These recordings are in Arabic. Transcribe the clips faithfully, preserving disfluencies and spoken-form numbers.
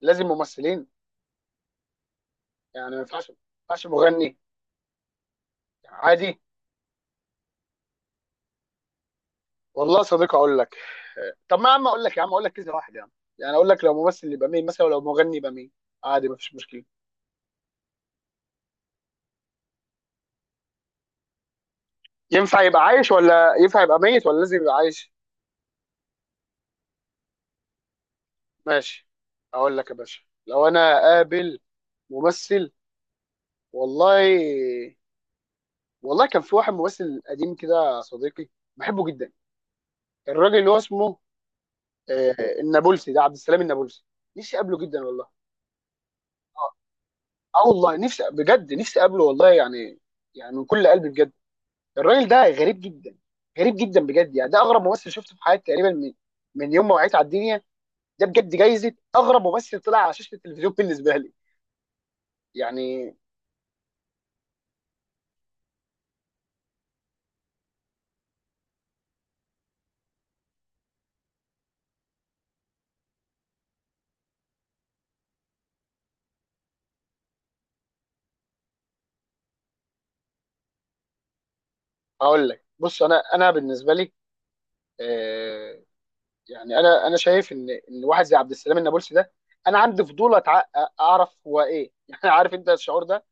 لازم ممثلين. يعني ما ينفعش ما ينفعش مغني عادي. والله صديق اقول لك. طب ما يا عم اقول لك، يا عم اقول لك كذا واحد يا عم، يعني اقول لك لو ممثل يبقى مين مثلا، ولو مغني يبقى مين. عادي مفيش مشكله. ينفع يبقى عايش ولا ينفع يبقى ميت ولا لازم يبقى عايش؟ ماشي. اقول لك يا باشا، لو انا قابل ممثل، والله والله كان في واحد ممثل قديم كده يا صديقي بحبه جدا. الراجل اللي هو اسمه آه، النابلسي، ده عبد السلام النابلسي. نفسي اقابله جدا والله. اه والله نفسي بجد، نفسي اقابله والله يعني، يعني من كل قلبي بجد. الراجل ده غريب جدا، غريب جدا بجد. يعني ده اغرب ممثل شفته في حياتي تقريبا، من من يوم ما وعيت على الدنيا. ده بجد جايزه اغرب ممثل طلع على شاشه التلفزيون بالنسبه لي يعني. اقول لك بص، انا انا بالنسبه لي، آه، يعني انا انا شايف ان ان واحد زي عبد السلام النابلسي ده، انا عندي فضول أتع- اعرف هو ايه يعني. عارف انت الشعور ده،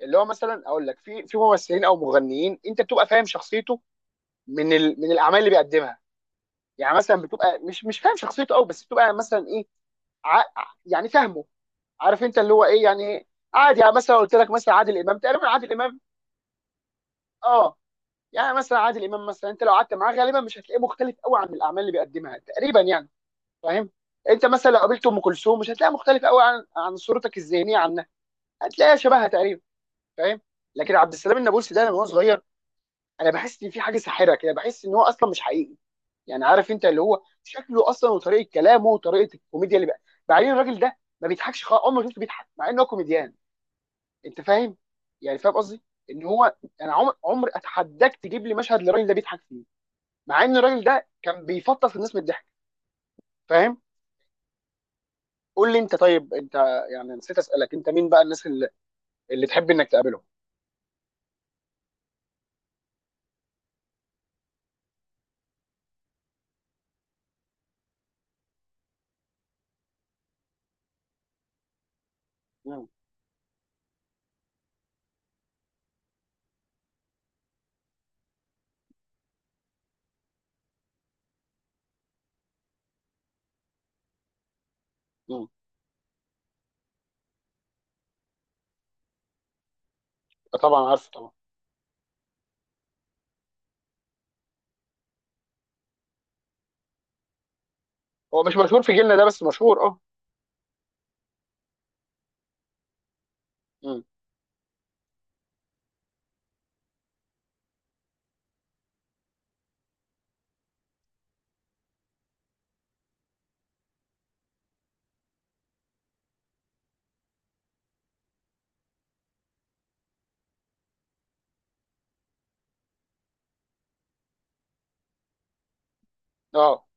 اللي هو مثلا اقول لك، في في ممثلين او مغنيين انت بتبقى فاهم شخصيته من ال... من الاعمال اللي بيقدمها. يعني مثلا بتبقى مش مش فاهم شخصيته قوي، بس بتبقى مثلا ايه، ع... يعني فاهمه، عارف انت اللي هو ايه يعني. عادي يعني، مثلا قلت لك مثلا عادل امام، تقريبا عادل امام، اه، يعني مثلا عادل امام مثلا انت لو قعدت معاه غالبا مش هتلاقيه مختلف قوي عن الاعمال اللي بيقدمها تقريبا يعني. فاهم؟ انت مثلا لو قابلت ام كلثوم مش هتلاقيها مختلف قوي عن عن صورتك الذهنيه عنها، هتلاقيها شبهها تقريبا. فاهم؟ لكن عبد السلام النابلسي ده، انا من وانا صغير انا بحس ان في حاجه ساحره كده، بحس ان هو اصلا مش حقيقي. يعني عارف انت اللي هو شكله اصلا، وطريقه كلامه، وطريقه الكوميديا اللي بقى. بعدين الراجل ده ما بيضحكش خالص، عمري ما شفته بيضحك مع انه كوميديان. انت فاهم؟ يعني فاهم قصدي، ان هو، انا عمر عمر اتحداك تجيب لي مشهد للراجل ده بيضحك فيه، مع ان الراجل ده كان بيفطس الناس من الضحك. فاهم؟ قول لي انت طيب، انت، يعني نسيت اسالك، انت مين بقى الناس اللي، اللي تحب انك تقابلهم؟ مم. مم. آه طبعا عارفه طبعا. هو مش مشهور في جيلنا ده، بس مشهور اه. مم. اه.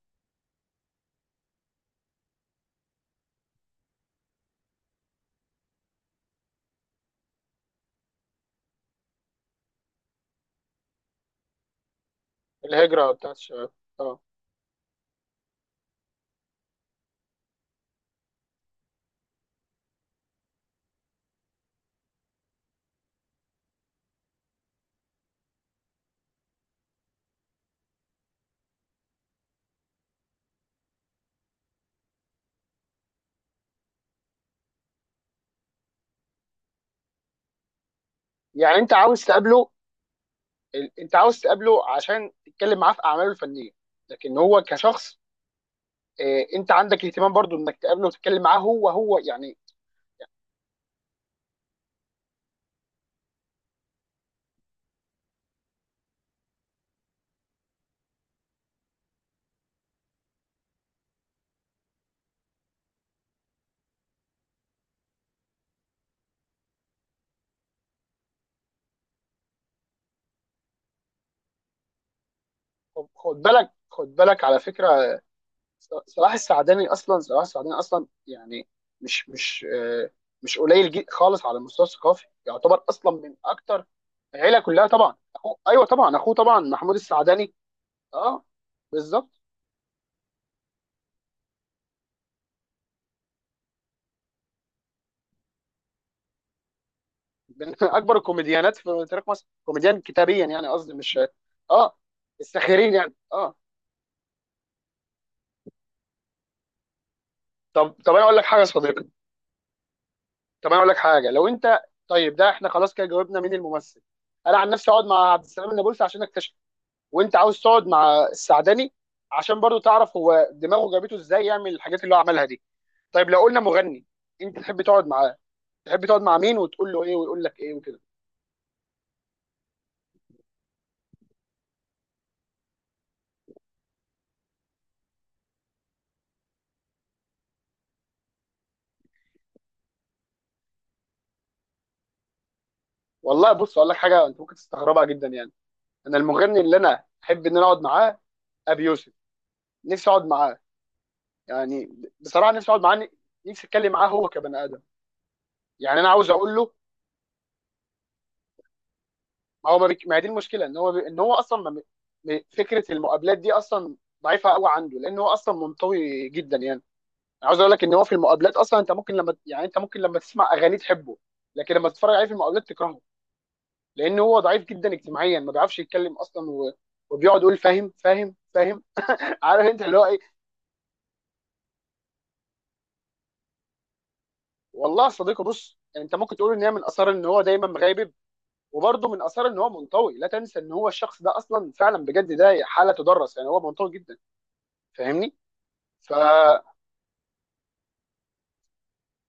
الهجره بتاعت الشباب. اه. يعني انت عاوز تقابله، ال- انت عاوز تقابله عشان تتكلم معاه في اعماله الفنيه، لكن هو كشخص آه، انت عندك اهتمام برضو انك تقابله وتتكلم معاه هو هو يعني. خد خد بالك، خد بالك على فكره، ص- صلاح السعداني اصلا، صلاح السعداني اصلا يعني، مش مش آه، مش قليل جي- خالص على المستوى الثقافي، يعتبر اصلا من اكتر. العيله كلها طبعا، أخوه- ايوه طبعا، اخوه طبعا محمود السعداني. اه بالظبط. من اكبر الكوميديانات في تاريخ مصر، كوميديان كتابيا يعني، قصدي مش، اه، الساخرين يعني اه. طب طب انا اقول لك حاجه يا صديقي، طب انا اقول لك حاجه لو انت، طيب ده احنا خلاص كده جاوبنا مين الممثل. انا عن نفسي اقعد مع عبد السلام النابلسي عشان اكتشف، وانت عاوز تقعد مع السعداني عشان برضو تعرف هو دماغه جابته ازاي يعمل الحاجات اللي هو عملها دي. طيب لو قلنا مغني، انت تحب تقعد معاه، تحب تقعد مع مين وتقول له ايه ويقول لك ايه وكده؟ والله بص اقول لك حاجه انت ممكن تستغربها جدا يعني. انا المغني اللي انا احب ان انا اقعد معاه، ابي يوسف. نفسي اقعد معاه. يعني بصراحه نفسي اقعد معاه، نفسي اتكلم معاه هو كبني ادم. يعني انا عاوز اقول له، ما هو ما, بيك... ما هي دي المشكله، ان هو ب... ان هو اصلا ما... م- فكره المقابلات دي اصلا ضعيفه قوي عنده، لان هو اصلا منطوي جدا يعني. أنا عاوز اقول لك ان هو في المقابلات اصلا، انت ممكن لما، يعني انت ممكن لما تسمع اغاني تحبه، لكن لما تتفرج عليه في المقابلات تكرهه، لان هو ضعيف جدا اجتماعيا، ما بيعرفش يتكلم اصلا، و... وبيقعد يقول فاهم فاهم فاهم. عارف انت اللي هو ايه. والله يا صديقي بص، يعني انت ممكن تقول ان هي من اثار ان هو دايما مغيب، وبرده من اثار ان هو منطوي. لا تنسى ان هو الشخص ده اصلا، فعلا بجد ده حاله تدرس، يعني هو منطوي جدا. فاهمني؟ فلا،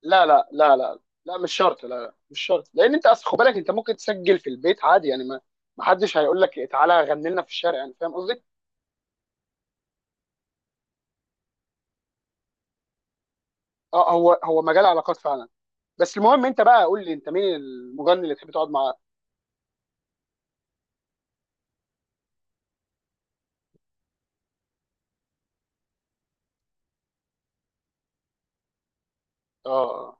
لا لا لا لا لا مش شرط، لا لا مش شرط، لان انت اصل خد بالك، انت ممكن تسجل في البيت عادي يعني، ما ما حدش هيقول لك تعالى غني لنا في الشارع يعني. فاهم قصدي؟ اه، هو هو مجال علاقات فعلا، بس المهم انت بقى قول لي انت مين المغني اللي تحب تقعد معاه. اه.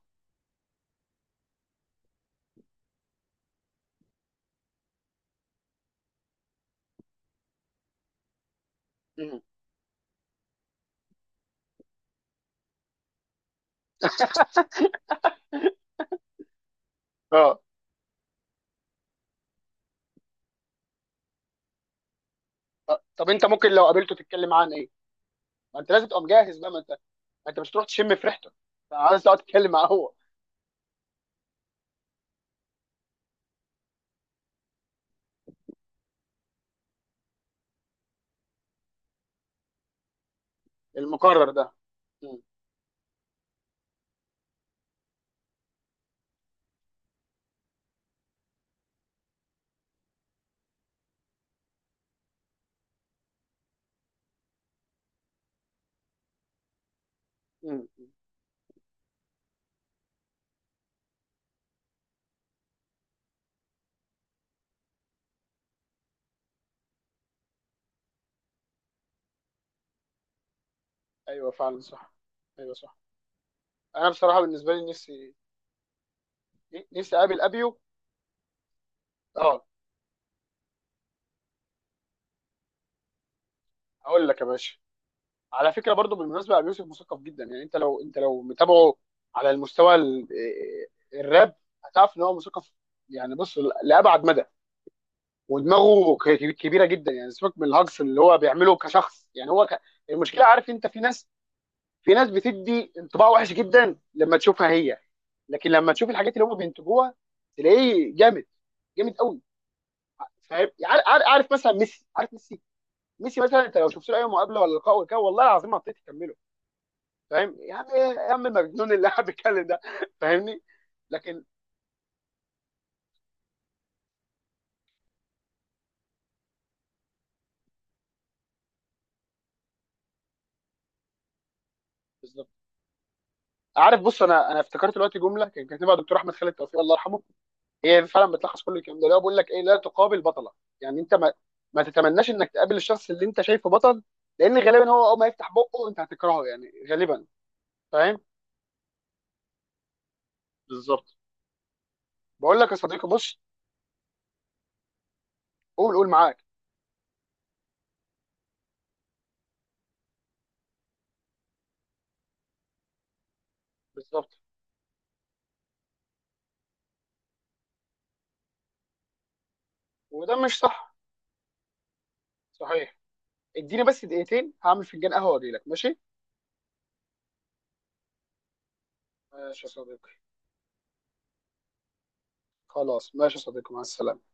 مم. اه. طب انت ممكن لو قابلته تتكلم معاه عن ايه؟ ما انت لازم تبقى مجهز بقى، ما انت ما انت مش تروح تشم في ريحته، انت عايز تقعد تتكلم معاه هو. المقرر ده. مم. مم. ايوه فعلا صح، ايوه صح. انا بصراحه بالنسبه لي، نفسي نفسي اقابل ابيو. اه. هقول لك يا باشا، على فكره برضو بالمناسبه، ابي يوسف مثقف جدا يعني، انت لو انت لو متابعه على المستوى ال- آه، الراب هتعرف ان هو مثقف. يعني بص، لابعد مدى، ودماغه ك- كبيره جدا يعني، سيبك من الهجص اللي هو بيعمله كشخص، يعني هو ك... المشكله، عارف انت في ناس، في ناس بتدي انطباع وحش جدا لما تشوفها هي، لكن لما تشوف الحاجات اللي هم بينتجوها تلاقيه جامد، جامد قوي. فاهم؟ عار- عار- عارف مثلا ميسي، عارف ميسي؟ ميسي مثلا انت لو شفت له اي مقابله ولا لقاء ولا كده، والله العظيم ما بتقدر تكمله. فاهم يا عم؟ ايه- يا عم المجنون اللي قاعد بيتكلم ده. فاهمني؟ لكن، بالظبط. عارف، بص، انا انا افتكرت دلوقتي جمله كان كاتبها دكتور احمد خالد توفيق الله يرحمه، هي فعلا بتلخص كل الكلام ده، اللي هو بيقول لك ايه، لا تقابل بطله. يعني انت ما ما تتمناش انك تقابل الشخص اللي انت شايفه بطل، لان غالبا هو اول ما يفتح بقه انت هتكرهه يعني غالبا. فاهم؟ بالظبط. بقول لك يا صديقي بص، قول قول معاك. بالظبط. وده مش صح. صحيح. اديني بس دقيقتين هعمل فنجان قهوه واجي لك، ماشي؟ ماشي يا صديقي. خلاص ماشي يا صديقي، مع السلامه.